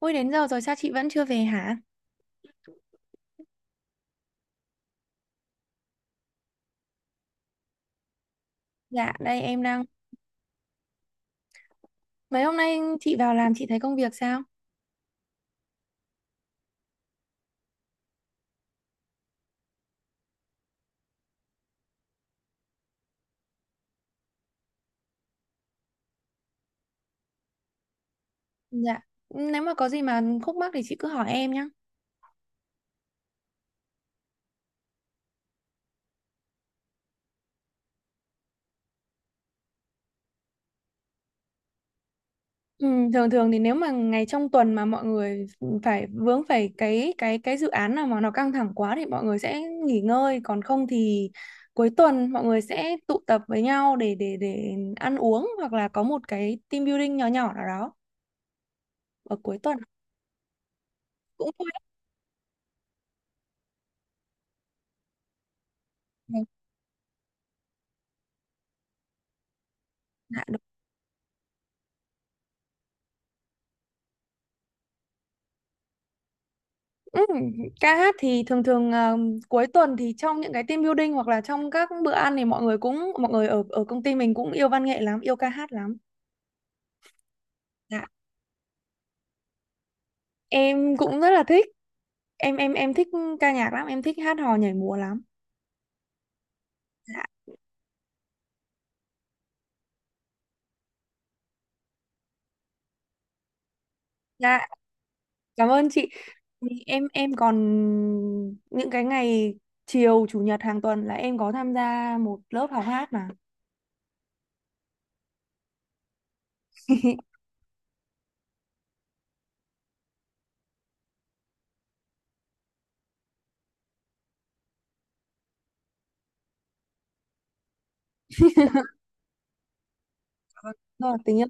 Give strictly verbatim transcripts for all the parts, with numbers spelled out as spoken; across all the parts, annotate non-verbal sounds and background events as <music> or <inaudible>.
Ui, đến giờ rồi sao chị vẫn chưa về hả? Dạ, đây em đang... Mấy hôm nay chị vào làm chị thấy công việc sao? Dạ, nếu mà có gì mà khúc mắc thì chị cứ hỏi em nhé. Ừ, thường thường thì nếu mà ngày trong tuần mà mọi người phải vướng phải cái cái cái dự án nào mà nó căng thẳng quá thì mọi người sẽ nghỉ ngơi, còn không thì cuối tuần mọi người sẽ tụ tập với nhau để để để ăn uống hoặc là có một cái team building nhỏ nhỏ nào đó ở cuối tuần cũng thôi. Dạ. Ừ, ca hát thì thường thường, à, cuối tuần thì trong những cái team building hoặc là trong các bữa ăn thì mọi người cũng mọi người ở ở công ty mình cũng yêu văn nghệ lắm, yêu ca hát lắm. Dạ, em cũng rất là thích. Em em em thích ca nhạc lắm, em thích hát hò nhảy múa lắm. Dạ. Dạ, cảm ơn chị. Thì em em còn những cái ngày chiều chủ nhật hàng tuần là em có tham gia một lớp học hát mà. <laughs> Vâng. Rồi, tình yêu.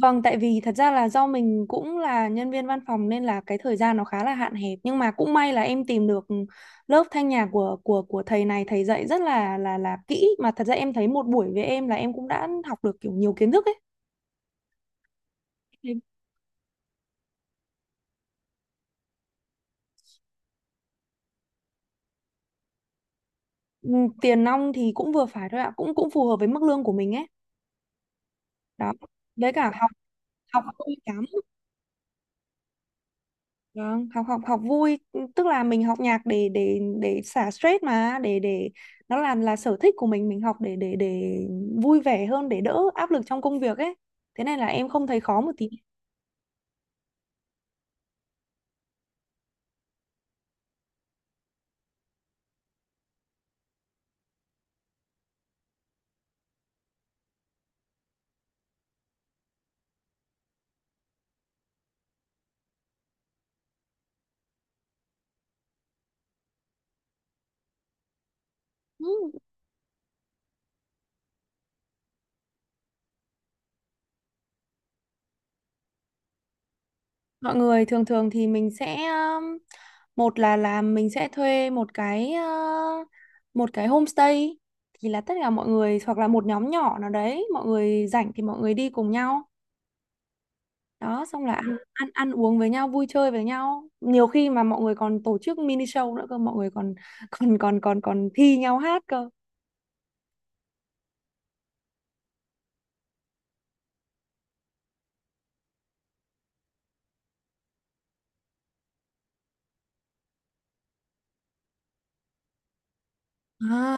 Vâng, tại vì thật ra là do mình cũng là nhân viên văn phòng nên là cái thời gian nó khá là hạn hẹp, nhưng mà cũng may là em tìm được, ừ, lớp thanh nhạc của của của thầy này, thầy dạy rất là là là kỹ mà thật ra em thấy một buổi với em là em cũng đã học được kiểu nhiều kiến thức ấy. Thì, ừ, tiền nong thì cũng vừa phải thôi ạ, cũng cũng phù hợp với mức lương của mình ấy. Đó. Với cả học, học không bị cắm. Vâng, học học học vui, tức là mình học nhạc để để để xả stress mà để để nó là là sở thích của mình mình học để để để vui vẻ hơn, để đỡ áp lực trong công việc ấy, thế nên là em không thấy khó một tí. Ừ, mọi người thường thường thì mình sẽ, um, một là là mình sẽ thuê một cái, uh, một cái homestay, thì là tất cả mọi người hoặc là một nhóm nhỏ nào đấy mọi người rảnh thì mọi người đi cùng nhau đó, xong là ăn ăn ăn uống với nhau, vui chơi với nhau, nhiều khi mà mọi người còn tổ chức mini show nữa cơ, mọi người còn <laughs> còn còn còn còn thi nhau hát cơ. À,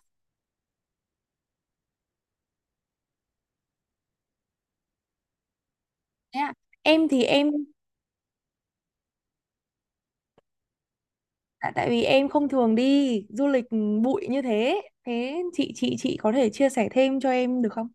thế à. Em thì em, tại tại vì em không thường đi du lịch bụi như thế, thế chị chị chị có thể chia sẻ thêm cho em được không?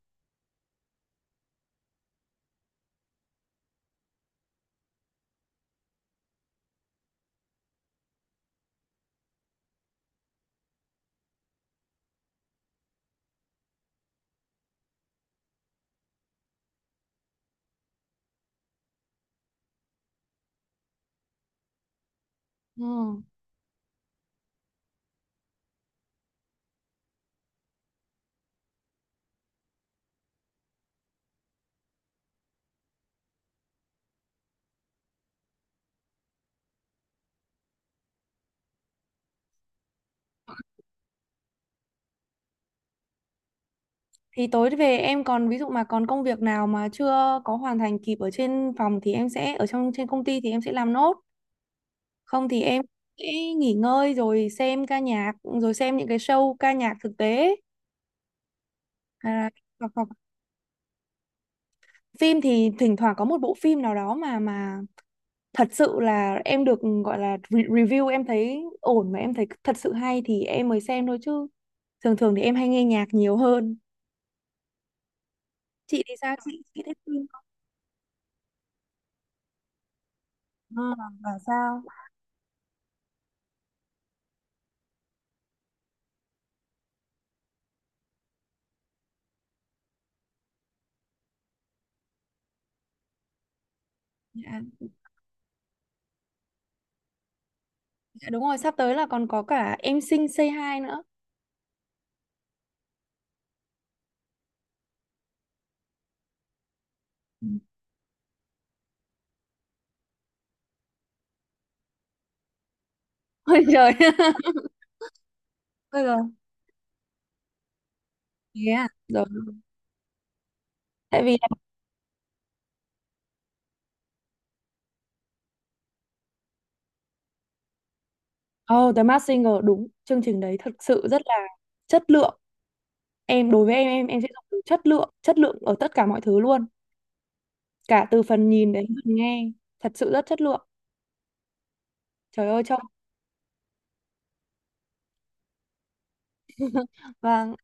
Ừ. Thì tối về em còn, ví dụ mà còn công việc nào mà chưa có hoàn thành kịp ở trên phòng thì em sẽ ở trong trên công ty thì em sẽ làm nốt. Không thì em sẽ nghỉ ngơi rồi xem ca nhạc, rồi xem những cái show ca nhạc thực tế. Hay. Hoặc, hoặc phim thì thỉnh thoảng có một bộ phim nào đó mà mà thật sự là em được gọi là re- review em thấy ổn mà em thấy thật sự hay thì em mới xem thôi chứ. Thường thường thì em hay nghe nhạc nhiều hơn. Chị thì sao? Chị, chị thích phim không? À, và sao? Dạ. Dạ, đúng rồi, sắp tới là còn có cả Em Xinh Say Hi nữa. Ừ. Ôi trời. <laughs> Ôi rồi. Thế à? Rồi. Tại vì, ờ, The Masked Singer đúng, chương trình đấy thực sự rất là chất lượng. Em, đối với em em em sẽ dùng từ chất lượng, chất lượng ở tất cả mọi thứ luôn, cả từ phần nhìn đến phần nghe, thật sự rất chất lượng. Trời ơi trông vâng.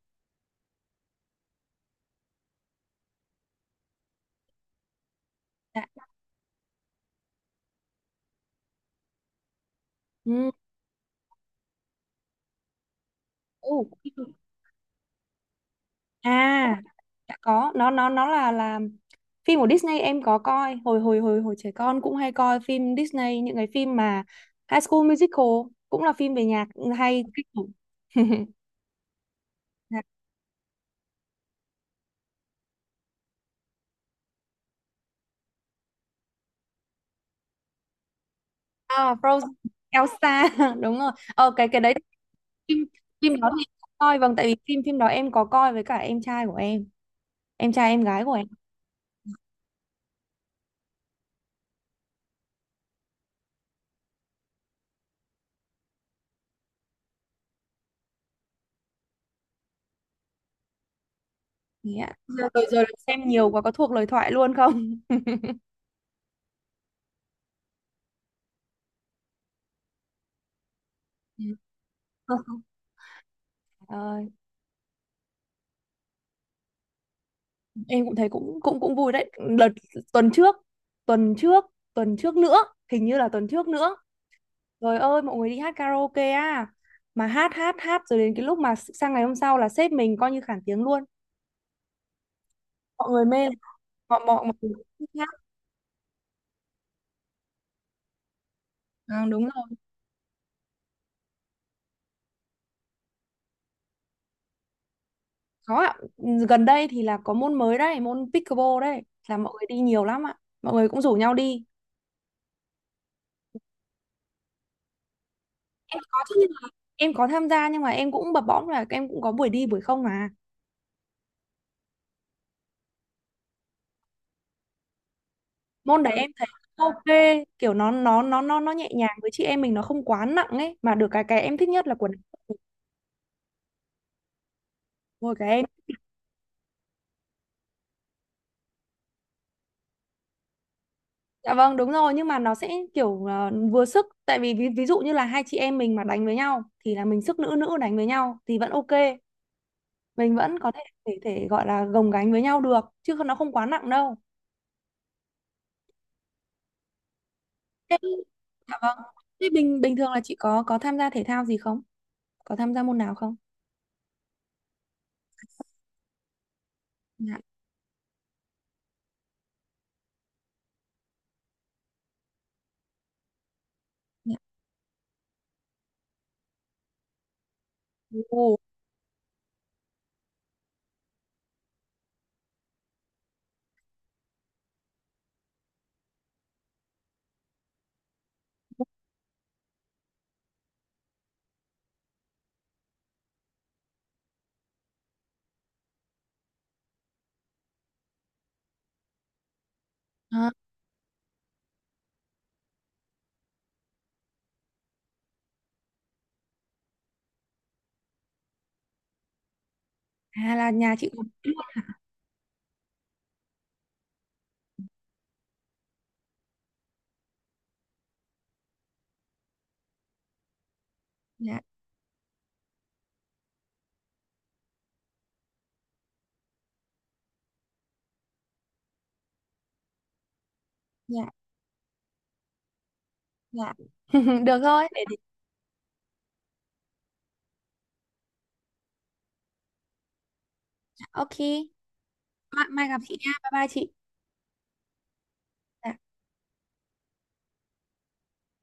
Dạ. Ừ. Ồ. À, đã có, nó nó nó là là phim của Disney em có coi, hồi hồi hồi hồi trẻ con cũng hay coi phim Disney, những cái phim mà High School Musical cũng là phim về nhạc hay kinh khủng. <laughs> À, Frozen, Elsa <laughs> đúng rồi. Ờ cái cái đấy, phim, phim đó thì em có coi, vâng, tại vì phim phim đó em có coi với cả em trai của em em trai em gái của em. Thế ạ. Rồi rồi xem nhiều quá có thuộc lời thoại luôn không? Ừ. Không, không. Ờ, em cũng thấy cũng cũng cũng vui đấy. Đợt tuần trước, tuần trước, tuần trước nữa hình như là tuần trước nữa, trời ơi mọi người đi hát karaoke à, mà hát hát hát rồi đến cái lúc mà sang ngày hôm sau là sếp mình coi như khản tiếng luôn, mọi người mê lắm. Mọi mọi, mọi người thích hát. Ừ, đúng rồi. Có ạ, gần đây thì là có môn mới đấy, môn pickleball đấy, là mọi người đi nhiều lắm ạ. Mọi người cũng rủ nhau đi. Em có chứ, nhưng mà em có tham gia nhưng mà em cũng bập bõm là em cũng có buổi đi buổi không mà. Môn đấy em thấy ok, kiểu nó nó nó nó nó nhẹ nhàng với chị em mình, nó không quá nặng ấy, mà được cái cái em thích nhất là quần. Ôi cái em. Dạ vâng, đúng rồi, nhưng mà nó sẽ kiểu, ờ, vừa sức, tại vì ví, ví dụ như là hai chị em mình mà đánh với nhau thì là mình sức nữ nữ đánh với nhau thì vẫn ok. Mình vẫn có thể thể, thể gọi là gồng gánh với nhau được, chứ không- nó không quá nặng đâu. Thế, dạ vâng, thế bình bình thường là chị có có tham gia thể thao gì không, có tham gia môn nào không? Dạ. Dạ. Ồ. À. À là nhà chị cũng, dạ, dạ, dạ. <laughs> Được thôi để. Ok. Mai, mai gặp chị nha, bye bye chị. Dạ.